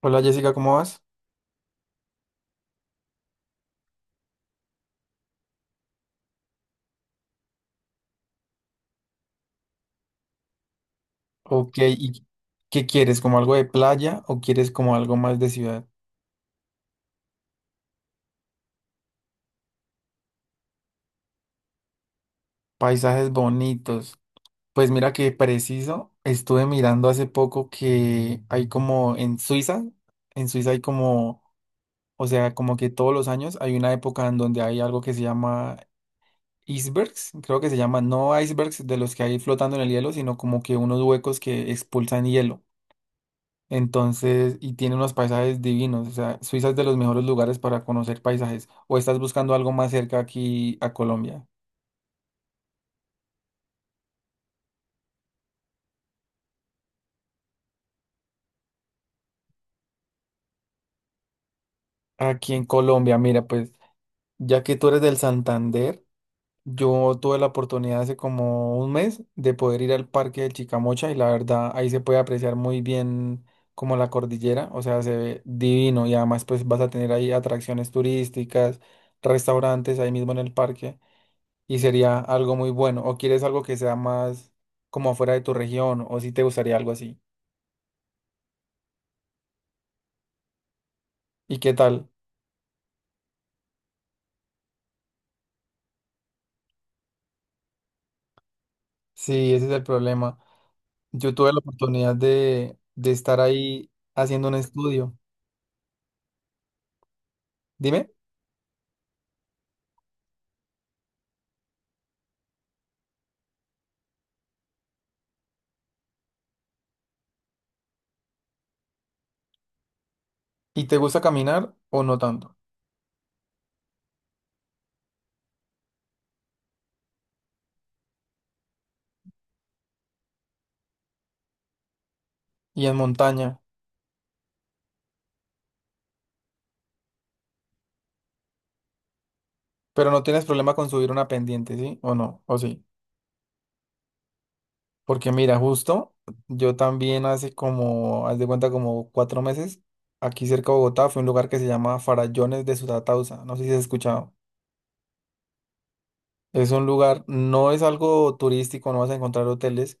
Hola Jessica, ¿cómo vas? Ok, ¿y qué quieres? ¿Como algo de playa o quieres como algo más de ciudad? Paisajes bonitos. Pues mira que preciso, estuve mirando hace poco que hay como en Suiza hay como, o sea, como que todos los años hay una época en donde hay algo que se llama icebergs, creo que se llama, no icebergs de los que hay flotando en el hielo, sino como que unos huecos que expulsan hielo. Entonces, y tiene unos paisajes divinos, o sea, Suiza es de los mejores lugares para conocer paisajes. ¿O estás buscando algo más cerca aquí a Colombia? Aquí en Colombia, mira, pues ya que tú eres del Santander, yo tuve la oportunidad hace como un mes de poder ir al Parque de Chicamocha y la verdad ahí se puede apreciar muy bien como la cordillera, o sea, se ve divino y además pues vas a tener ahí atracciones turísticas, restaurantes ahí mismo en el parque. Y sería algo muy bueno. ¿O quieres algo que sea más como afuera de tu región? ¿O si te gustaría algo así? ¿Y qué tal? Sí, ese es el problema. Yo tuve la oportunidad de estar ahí haciendo un estudio. Dime, ¿y te gusta caminar o no tanto? Y en montaña, pero no tienes problema con subir una pendiente, ¿sí? ¿O no? ¿O sí? Porque mira, justo yo también hace como, haz de cuenta, como 4 meses, aquí cerca de Bogotá, fue un lugar que se llama Farallones de Sutatausa. No sé si has escuchado. Es un lugar, no es algo turístico, no vas a encontrar hoteles,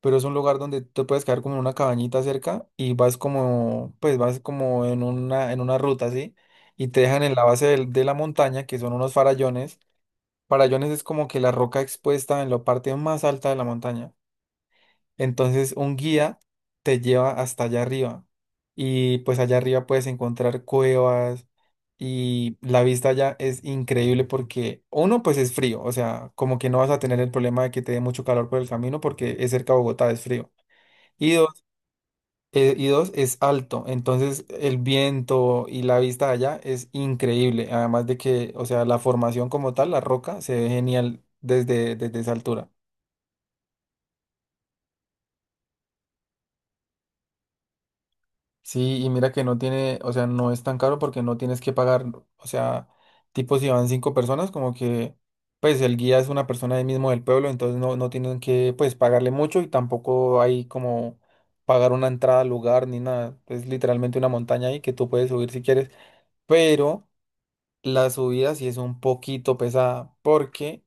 pero es un lugar donde te puedes quedar como en una cabañita cerca y vas como, pues vas como en una ruta, ¿sí? Y te dejan en la base de la montaña, que son unos farallones. Farallones es como que la roca expuesta en la parte más alta de la montaña. Entonces un guía te lleva hasta allá arriba y pues allá arriba puedes encontrar cuevas y la vista allá es increíble porque uno pues es frío, o sea, como que no vas a tener el problema de que te dé mucho calor por el camino porque es cerca a Bogotá, es frío. Y dos, y dos es alto, entonces el viento y la vista allá es increíble, además de que, o sea, la formación como tal, la roca, se ve genial desde, desde esa altura. Sí, y mira que no tiene, o sea, no es tan caro porque no tienes que pagar, o sea, tipo si van cinco personas, como que, pues el guía es una persona ahí mismo del pueblo, entonces no, no tienen que, pues, pagarle mucho y tampoco hay como pagar una entrada al lugar ni nada. Es literalmente una montaña ahí que tú puedes subir si quieres, pero la subida sí es un poquito pesada porque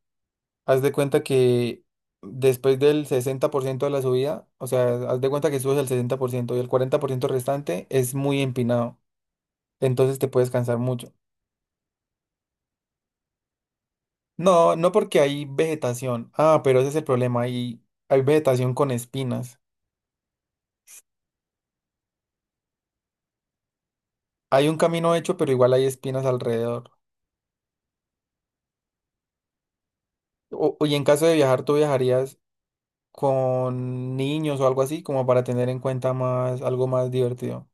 haz de cuenta que después del 60% de la subida, o sea, haz de cuenta que subes el 60% y el 40% restante es muy empinado. Entonces te puedes cansar mucho. No, no porque hay vegetación. Ah, pero ese es el problema. Hay vegetación con espinas. Hay un camino hecho, pero igual hay espinas alrededor. O, y en caso de viajar, ¿tú viajarías con niños o algo así, como para tener en cuenta más, algo más divertido?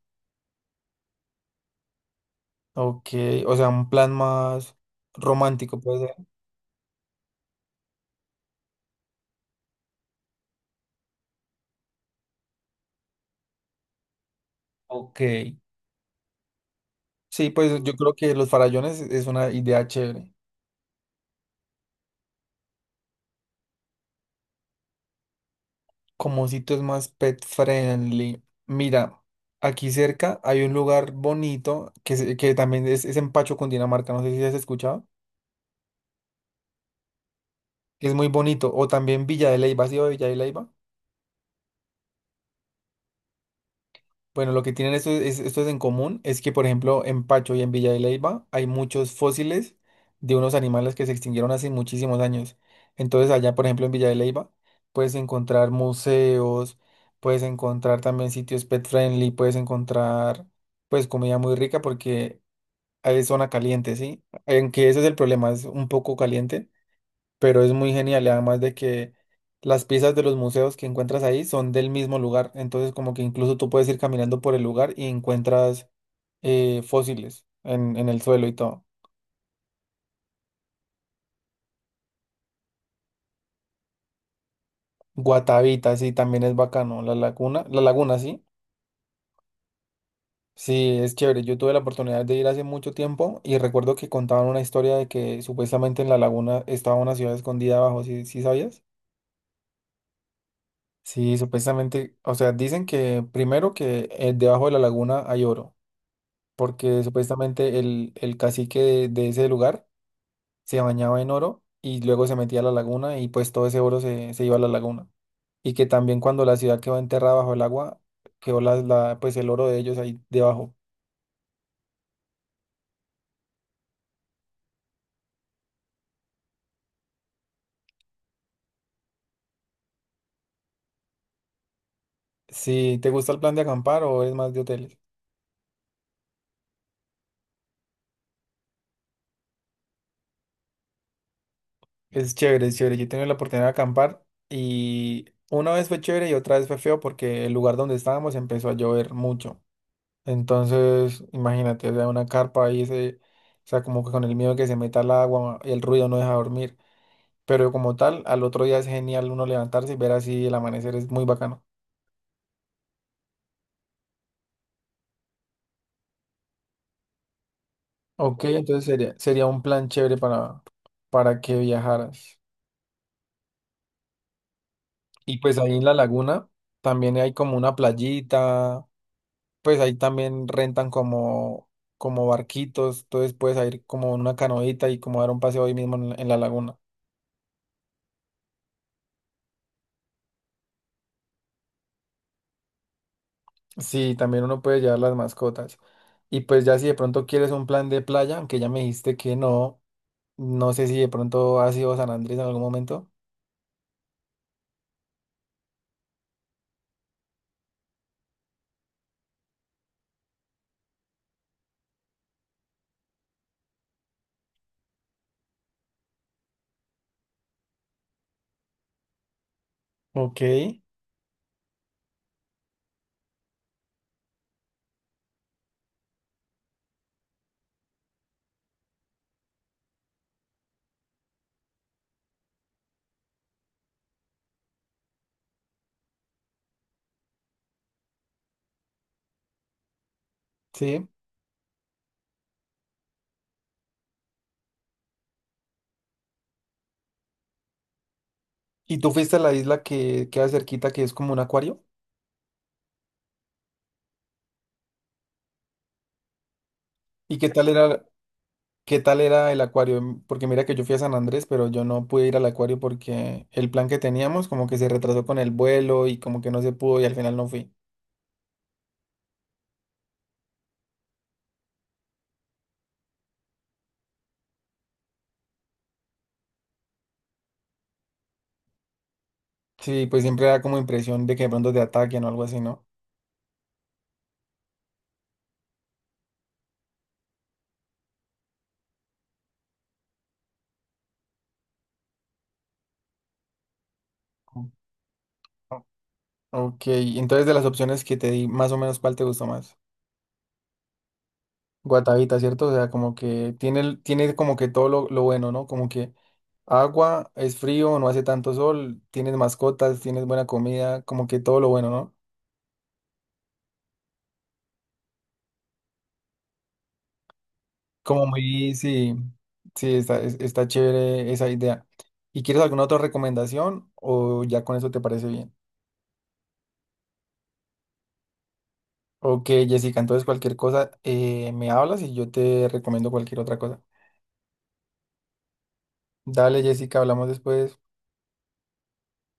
Ok, o sea, un plan más romántico puede ser. Ok. Sí, pues yo creo que los farallones es una idea chévere. Como sitios más pet friendly. Mira, aquí cerca hay un lugar bonito que también es en Pacho, Cundinamarca. No sé si has escuchado. Es muy bonito. O también Villa de Leyva. ¿Sí, ido Villa de Leyva? Bueno, lo que tienen estos en común es que, por ejemplo, en Pacho y en Villa de Leyva hay muchos fósiles de unos animales que se extinguieron hace muchísimos años. Entonces, allá, por ejemplo, en Villa de Leyva, puedes encontrar museos, puedes encontrar también sitios pet friendly, puedes encontrar, pues, comida muy rica porque hay zona caliente, ¿sí? Aunque ese es el problema, es un poco caliente pero es muy genial y además de que las piezas de los museos que encuentras ahí son del mismo lugar, entonces como que incluso tú puedes ir caminando por el lugar y encuentras fósiles en el suelo y todo. Guatavita, sí, también es bacano. La laguna, sí. Sí, es chévere. Yo tuve la oportunidad de ir hace mucho tiempo y recuerdo que contaban una historia de que supuestamente en la laguna estaba una ciudad escondida abajo, ¿sí, sí sabías? Sí, supuestamente, o sea, dicen que primero que debajo de la laguna hay oro, porque supuestamente el cacique de ese lugar se bañaba en oro y luego se metía a la laguna y pues todo ese oro se iba a la laguna. Y que también cuando la ciudad quedó enterrada bajo el agua, quedó pues el oro de ellos ahí debajo. Si te gusta el plan de acampar o es más de hoteles, es chévere, es chévere. Yo he tenido la oportunidad de acampar y una vez fue chévere y otra vez fue feo porque el lugar donde estábamos empezó a llover mucho. Entonces, imagínate, o sea, una carpa ahí, o sea, como que con el miedo de que se meta el agua, el ruido no deja dormir. Pero como tal, al otro día es genial uno levantarse y ver así el amanecer, es muy bacano. Ok, entonces sería un plan chévere para que viajaras. Y pues ahí en la laguna también hay como una playita, pues ahí también rentan como, como barquitos, entonces puedes ir como en una canoita y como dar un paseo ahí mismo en la laguna. Sí, también uno puede llevar las mascotas. Y pues ya si de pronto quieres un plan de playa, aunque ya me dijiste que no, no sé si de pronto has ido a San Andrés en algún momento. Ok, sí. ¿Y tú fuiste a la isla que queda cerquita, que es como un acuario? ¿Y qué tal era el acuario? Porque mira que yo fui a San Andrés, pero yo no pude ir al acuario porque el plan que teníamos como que se retrasó con el vuelo y como que no se pudo y al final no fui. Sí, pues siempre da como impresión de que de pronto te ataquen o algo así, ¿no? Ok, entonces de las opciones que te di, más o menos, ¿cuál te gustó más? Guatavita, ¿cierto? O sea, como que tiene, tiene como que todo lo bueno, ¿no? Como que agua, es frío, no hace tanto sol, tienes mascotas, tienes buena comida, como que todo lo bueno, ¿no? Como muy, sí, sí, está, está chévere esa idea. ¿Y quieres alguna otra recomendación o ya con eso te parece bien? Ok, Jessica, entonces cualquier cosa me hablas y yo te recomiendo cualquier otra cosa. Dale, Jessica, hablamos después.